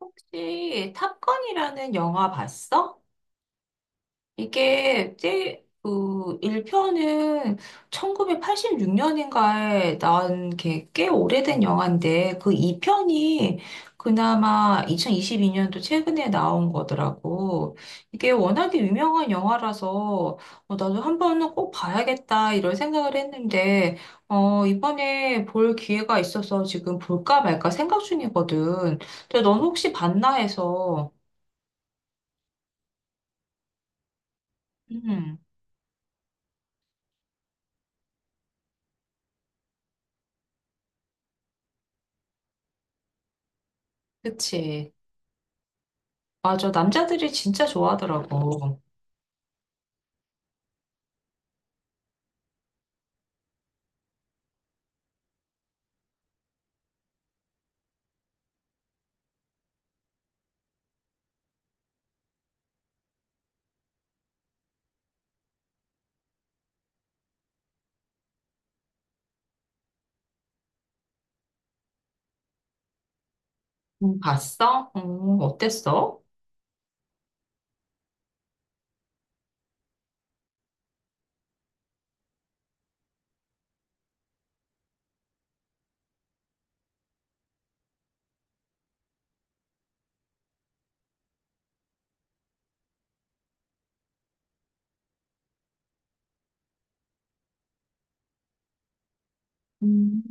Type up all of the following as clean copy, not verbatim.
혹시 탑건이라는 영화 봤어? 이게 그 1편은 1986년인가에 나온 게 꽤 오래된 영화인데 그 2편이 그나마 2022년도 최근에 나온 거더라고. 이게 워낙에 유명한 영화라서 나도 한 번은 꼭 봐야겠다 이런 생각을 했는데 이번에 볼 기회가 있어서 지금 볼까 말까 생각 중이거든. 근데 넌 혹시 봤나 해서. 음, 그치. 맞아. 남자들이 진짜 좋아하더라고. 봤어? 어땠어? 음,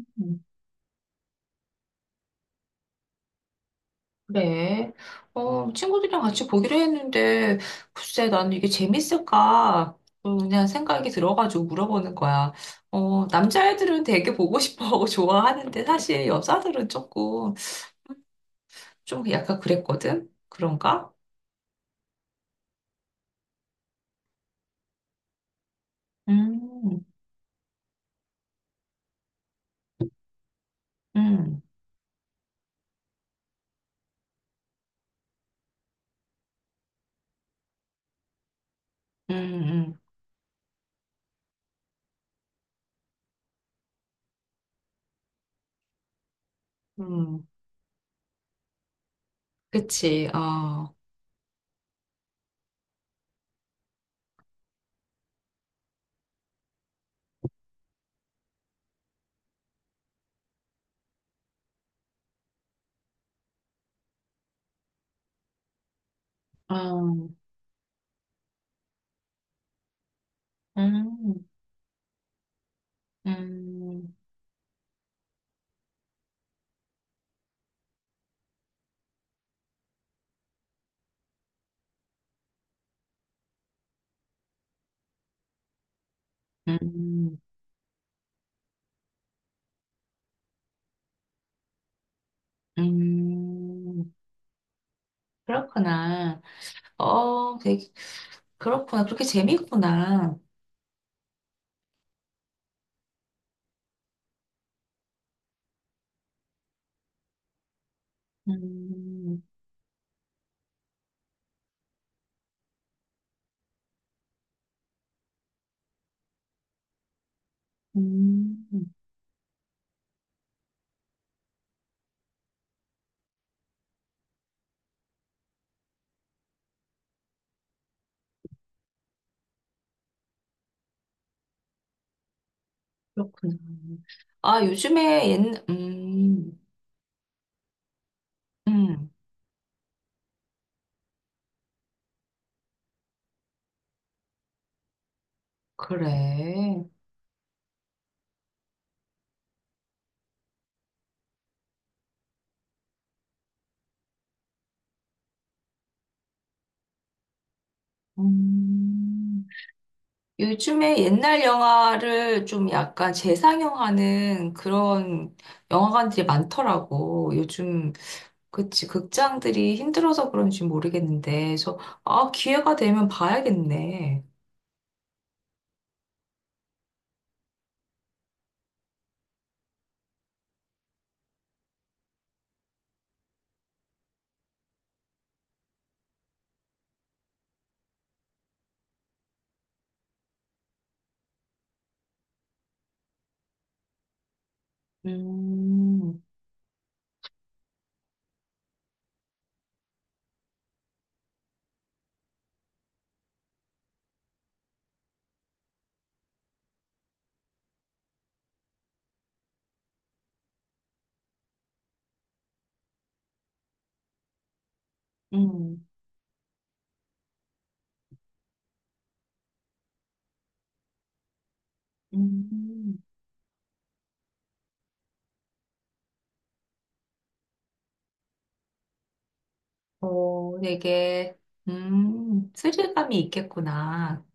그래. 친구들이랑 같이 보기로 했는데, 글쎄, 나는 이게 재밌을까? 그냥 생각이 들어가지고 물어보는 거야. 남자애들은 되게 보고 싶어하고 좋아하는데, 사실 여자들은 조금, 좀 약간 그랬거든? 그런가? 음, 음, 음, 음, 음. 그치, 어, 음, 음. 음, 음, 음, 그렇구나. 어, 되게, 그렇구나. 그렇게 재밌구나. 음, 음, 그렇구나. 아, 요즘에 옛, 음, 그래. 음, 요즘에 옛날 영화를 좀 약간 재상영하는 그런 영화관들이 많더라고. 요즘. 그치. 극장들이 힘들어서 그런지 모르겠는데, 저, 아, 기회가 되면 봐야겠네. 음, 음, 음. 어, 되게, 스릴감이 있겠구나.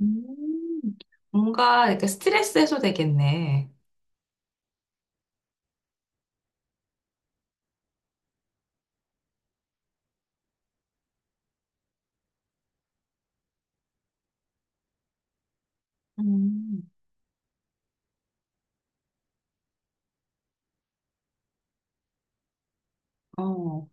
음, 뭔가 이렇게 스트레스 해소 되겠네. 음, 어,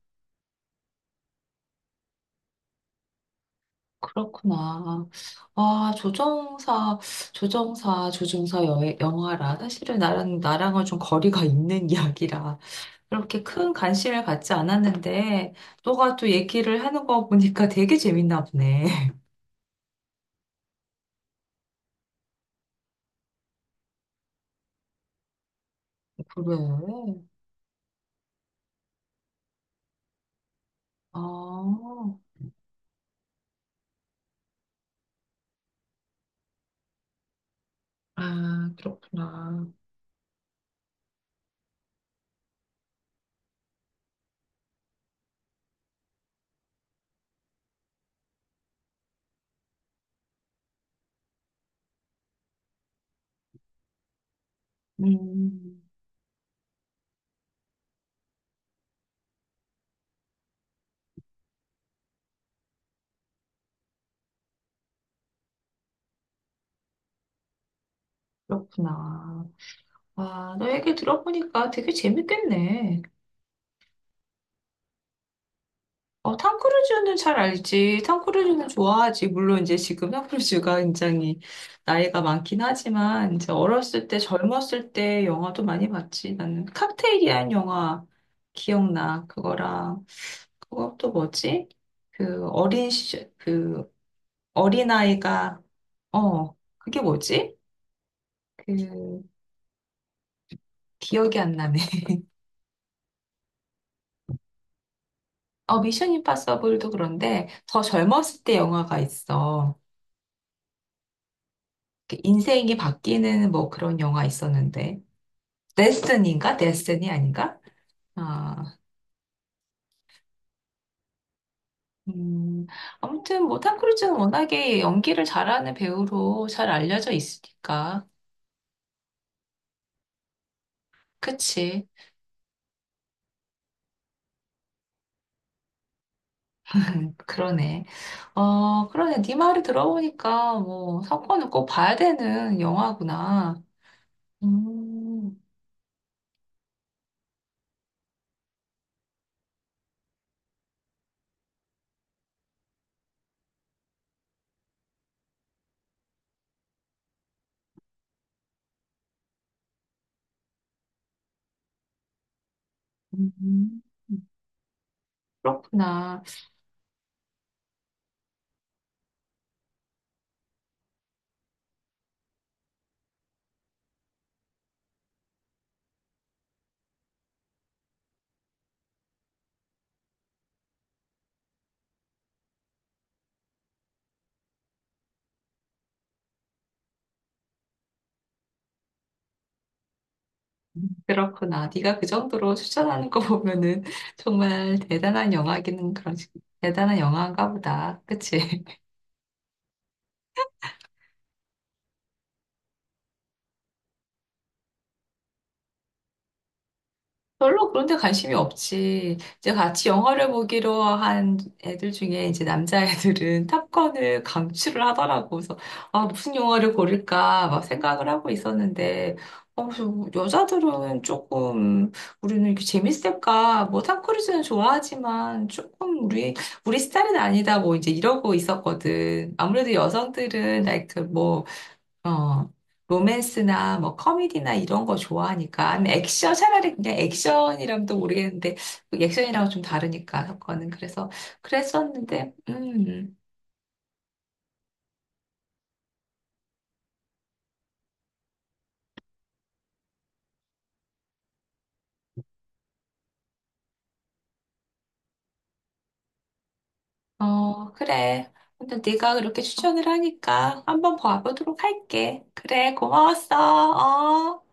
그렇구나. 아, 조정사 영화라. 사실은 나랑은 좀 거리가 있는 이야기라. 그렇게 큰 관심을 갖지 않았는데, 너가 또 얘기를 하는 거 보니까 되게 재밌나 보네. 그래. 아, 아, 그렇구나. 음, 그렇구나. 와, 너 얘기 들어보니까 되게 재밌겠네. 어, 탐 크루즈는 잘 알지. 탐 크루즈는 좋아하지. 물론 이제 지금 탐 크루즈가 굉장히 나이가 많긴 하지만, 이제 어렸을 때, 젊었을 때 영화도 많이 봤지. 나는 칵테일이란 영화 기억나. 그거랑. 그것도 뭐지? 그 어린 시절, 그 어린아이가, 어, 그게 뭐지? 그, 기억이 안 나네. 어, 미션 임파서블도 그런데 더 젊었을 때 영화가 있어. 그 인생이 바뀌는 뭐 그런 영화 있었는데. 데스티니인가? 데스티니 아닌가? 아, 음, 아무튼 뭐 톰 크루즈는 워낙에 연기를 잘하는 배우로 잘 알려져 있으니까. 그치. 그러네. 어, 그러네. 네 말을 들어보니까 뭐 사건을 꼭 봐야 되는 영화구나. 음, 음, 그렇구나. 그렇구나. 네가 그 정도로 추천하는 거 보면은 정말 대단한 영화인가 보다. 그치? 별로 그런 데 관심이 없지. 이제 같이 영화를 보기로 한 애들 중에 이제 남자애들은 탑건을 강추를 하더라고. 그래서, 아, 무슨 영화를 고를까 막 생각을 하고 있었는데, 어, 여자들은 조금, 우리는 이렇게 재밌을까? 뭐, 탐 크루즈는 좋아하지만, 조금 우리, 우리 스타일은 아니다. 뭐, 이제 이러고 있었거든. 아무래도 여성들은, like, 그 뭐, 어, 로맨스나 뭐 코미디나 이런 거 좋아하니까 아니면 액션 차라리 그냥 액션이라면 또 모르겠는데 액션이랑 좀 다르니까 사건은 그래서 그랬었는데. 어, 그래. 근데 네가 그렇게 추천을 하니까 한번 봐보도록 할게. 그래, 고마웠어. 어.